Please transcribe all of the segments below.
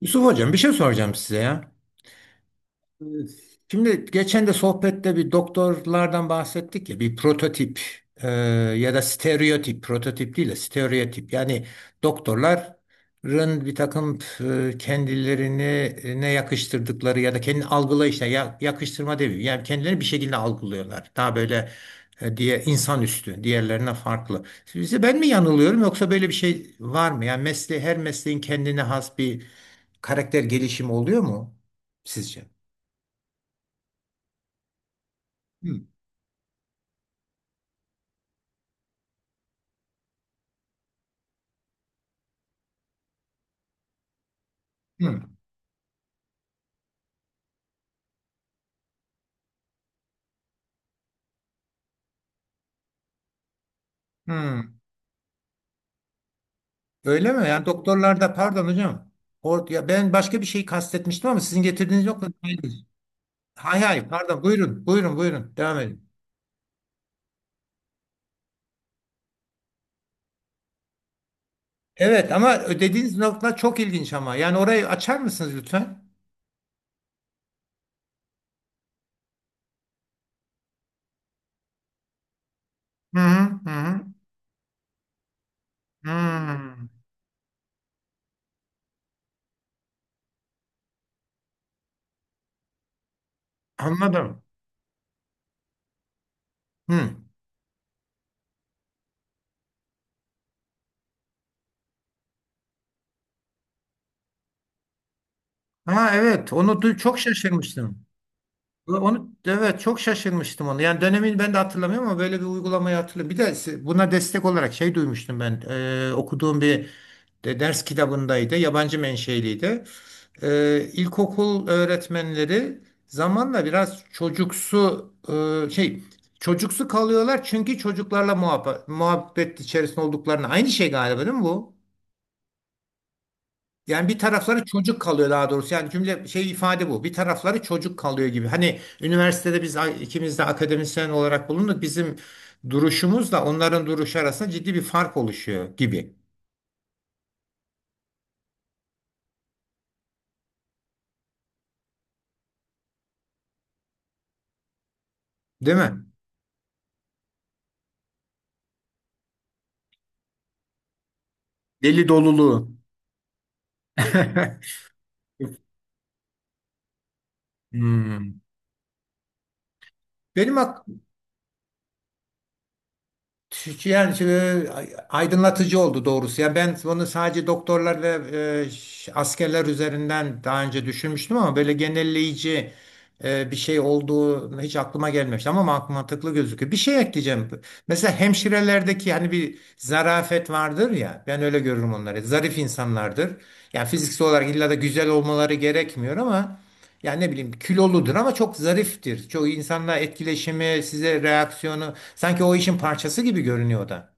Yusuf Hocam bir şey soracağım size ya. Şimdi geçen de sohbette bir doktorlardan bahsettik ya bir prototip e, ya da stereotip prototip değil de stereotip, yani doktorların bir takım kendilerine yakıştırdıkları ya da kendi algılayışına yakıştırma demiyorum, yani kendilerini bir şekilde algılıyorlar daha böyle diye insan üstü diğerlerine farklı. Sizi ben mi yanılıyorum yoksa böyle bir şey var mı? Yani mesleği, her mesleğin kendine has bir karakter gelişimi oluyor mu sizce? Hı, hı, hı. Öyle mi? Yani doktorlarda, pardon hocam. Or ya, ben başka bir şey kastetmiştim ama sizin getirdiğiniz yok mu? Hay hay, pardon, buyurun buyurun buyurun, devam edin. Evet, ama dediğiniz nokta çok ilginç ama. Yani orayı açar mısınız lütfen? Hı hı hı. Hı. Anladım. Hı. Ha evet, çok şaşırmıştım. Onu evet, çok şaşırmıştım onu. Yani dönemini ben de hatırlamıyorum ama böyle bir uygulamayı hatırlıyorum. Bir de si, buna destek olarak şey duymuştum ben. Okuduğum bir de ders kitabındaydı, yabancı menşeliydi. İlkokul öğretmenleri zamanla biraz çocuksu e, şey çocuksu kalıyorlar çünkü çocuklarla muhabbet içerisinde olduklarını, aynı şey galiba değil mi bu? Yani bir tarafları çocuk kalıyor daha doğrusu. Yani cümle şey ifade bu. Bir tarafları çocuk kalıyor gibi. Hani üniversitede biz ikimiz de akademisyen olarak bulunduk. Bizim duruşumuzla onların duruşu arasında ciddi bir fark oluşuyor gibi. Değil mi? Deli doluluğu. Hmm. Benim ak- Yani şimdi aydınlatıcı oldu doğrusu. Ya ben bunu sadece doktorlar ve askerler üzerinden daha önce düşünmüştüm ama böyle genelleyici bir şey olduğu hiç aklıma gelmemişti ama mantıklı gözüküyor. Bir şey ekleyeceğim. Mesela hemşirelerdeki, hani bir zarafet vardır ya, ben öyle görürüm onları. Zarif insanlardır. Yani fiziksel olarak illa da güzel olmaları gerekmiyor ama yani ne bileyim, kiloludur ama çok zariftir. Çok insanla etkileşimi, size reaksiyonu sanki o işin parçası gibi görünüyor da.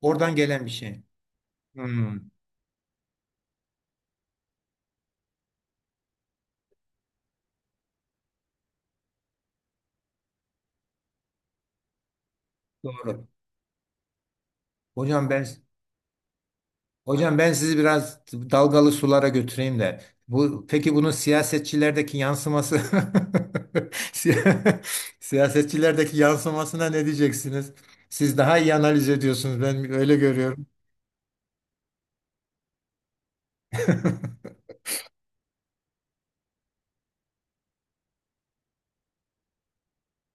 Oradan gelen bir şey. Hmm, doğru. Hocam ben Hocam, ben sizi biraz dalgalı sulara götüreyim de. Bu, peki bunun siyasetçilerdeki yansıması Siya- siyasetçilerdeki yansımasına ne diyeceksiniz? Siz daha iyi analiz ediyorsunuz. Ben öyle görüyorum.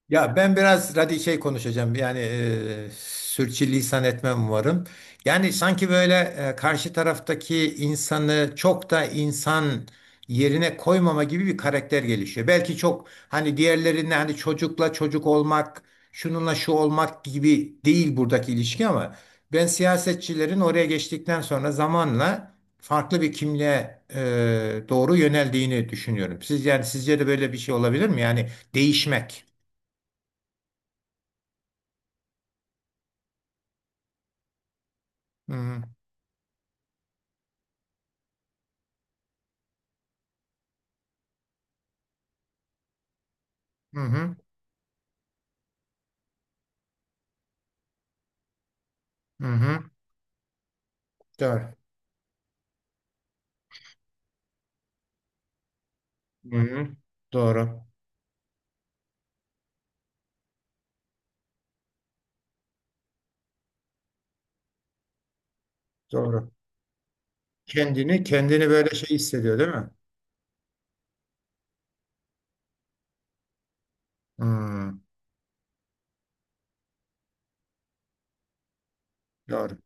Ya ben biraz radikal şey konuşacağım. Yani sürçülisan etmem umarım. Yani sanki böyle karşı taraftaki insanı çok da insan yerine koymama gibi bir karakter gelişiyor. Belki çok hani diğerlerinde, hani çocukla çocuk olmak, şununla şu olmak gibi değil buradaki ilişki ama ben siyasetçilerin oraya geçtikten sonra zamanla farklı bir kimliğe doğru yöneldiğini düşünüyorum. Siz, yani sizce de böyle bir şey olabilir mi? Yani değişmek. Hı hı. Hı hı. Hı hı. Doğru. Hı hı. Doğru. Doğru. Kendini, kendini böyle şey hissediyor değil mi? Hı. Doğru.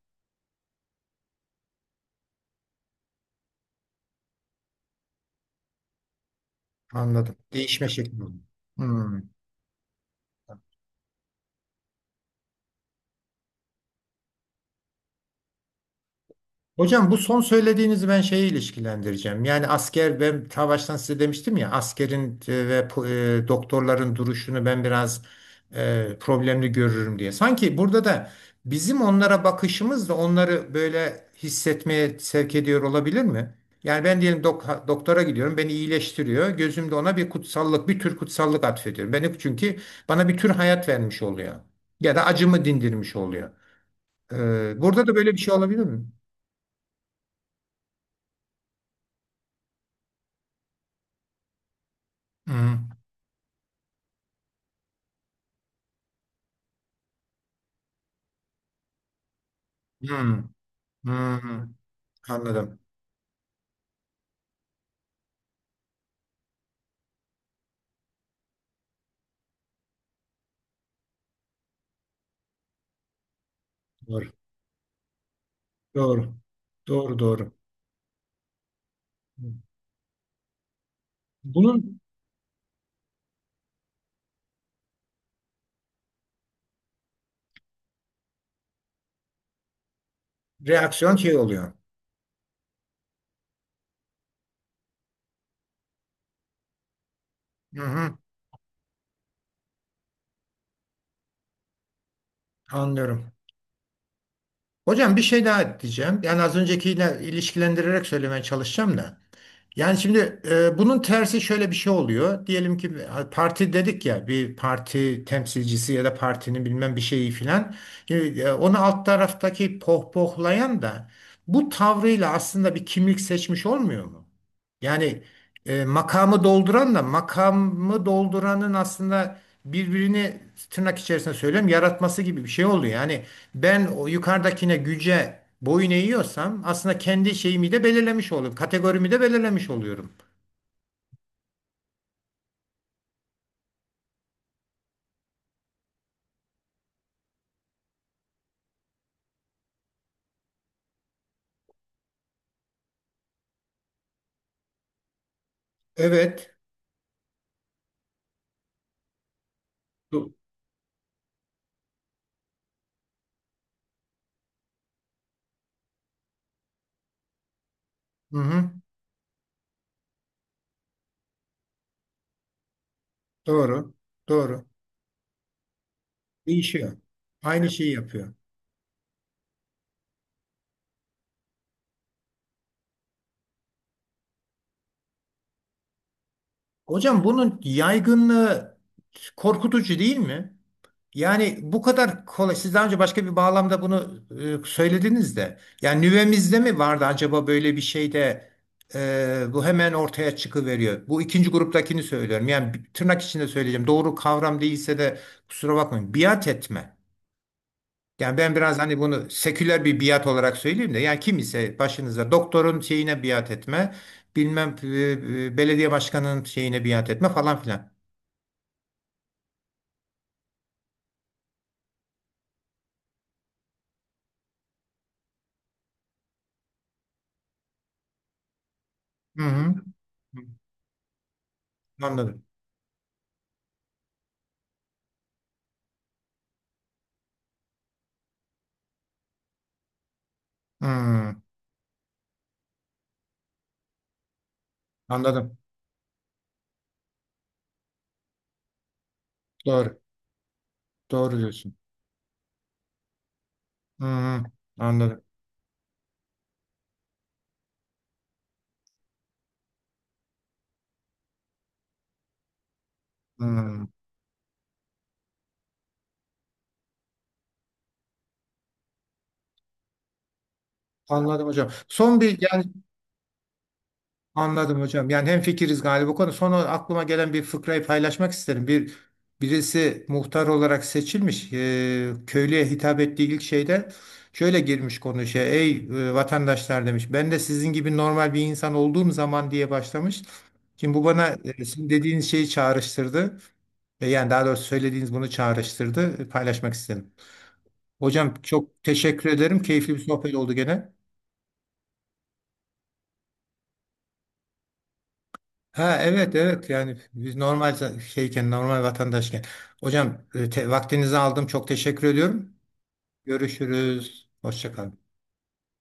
Anladım. Değişme şekli. Hı. Hocam, bu son söylediğinizi ben şeye ilişkilendireceğim. Yani asker, ben ta baştan size demiştim ya, askerin ve doktorların duruşunu ben biraz problemli görürüm diye. Sanki burada da bizim onlara bakışımız da onları böyle hissetmeye sevk ediyor olabilir mi? Yani ben diyelim doktora gidiyorum, beni iyileştiriyor. Gözümde ona bir kutsallık, bir tür kutsallık atfediyorum. Beni, çünkü bana bir tür hayat vermiş oluyor. Ya da acımı dindirmiş oluyor. E, burada da böyle bir şey olabilir mi? Hı. Hmm, hmm, anladım. Doğru. Doğru. Doğru doğru. Bunun reaksiyon şey oluyor. Hı hı, anlıyorum. Hocam, bir şey daha diyeceğim. Yani az öncekiyle ilişkilendirerek söylemeye çalışacağım da. Yani şimdi bunun tersi şöyle bir şey oluyor. Diyelim ki parti dedik ya, bir parti temsilcisi ya da partinin bilmem bir şeyi filan. Şimdi, onu alt taraftaki pohpohlayan da bu tavrıyla aslında bir kimlik seçmiş olmuyor mu? Yani E, makamı dolduranla makamı dolduranın aslında birbirini, tırnak içerisinde söylüyorum, yaratması gibi bir şey oluyor. Yani ben o yukarıdakine, güce boyun eğiyorsam aslında kendi şeyimi de belirlemiş oluyorum. Kategorimi de belirlemiş oluyorum. Evet. Do- Hı hı, doğru. Doğru. Değişiyor. Aynı şeyi yapıyor. Hocam, bunun yaygınlığı korkutucu değil mi? Yani bu kadar kolay. Siz daha önce başka bir bağlamda bunu söylediniz de. Yani nüvemizde mi vardı acaba böyle bir şey de bu hemen ortaya çıkıveriyor. Bu ikinci gruptakini söylüyorum. Yani tırnak içinde söyleyeceğim, doğru kavram değilse de kusura bakmayın: biat etme. Yani ben biraz hani bunu seküler bir biat olarak söyleyeyim de. Yani kim ise başınıza, doktorun şeyine biat etme. Bilmem belediye başkanının şeyine biat etme falan filan. Hı hı. Anladım. Hı, anladım. Doğru. Doğru diyorsun. Hı hı, anladım. Hı, hı. Anladım hocam. Son bir yani anladım hocam. Yani hemfikiriz galiba bu konu. Son olarak aklıma gelen bir fıkrayı paylaşmak isterim. Bir birisi muhtar olarak seçilmiş. Köylüye hitap ettiği ilk şeyde şöyle girmiş, konuşuyor. Ey vatandaşlar, demiş. Ben de sizin gibi normal bir insan olduğum zaman, diye başlamış. Şimdi bu bana sizin dediğiniz şeyi çağrıştırdı. E, yani daha doğrusu söylediğiniz bunu çağrıştırdı. E, paylaşmak istedim. Hocam, çok teşekkür ederim. Keyifli bir sohbet oldu gene. Ha evet evet, yani biz şeyken, normal vatandaşken. Hocam vaktinizi aldım. Çok teşekkür ediyorum. Görüşürüz. Hoşça kalın.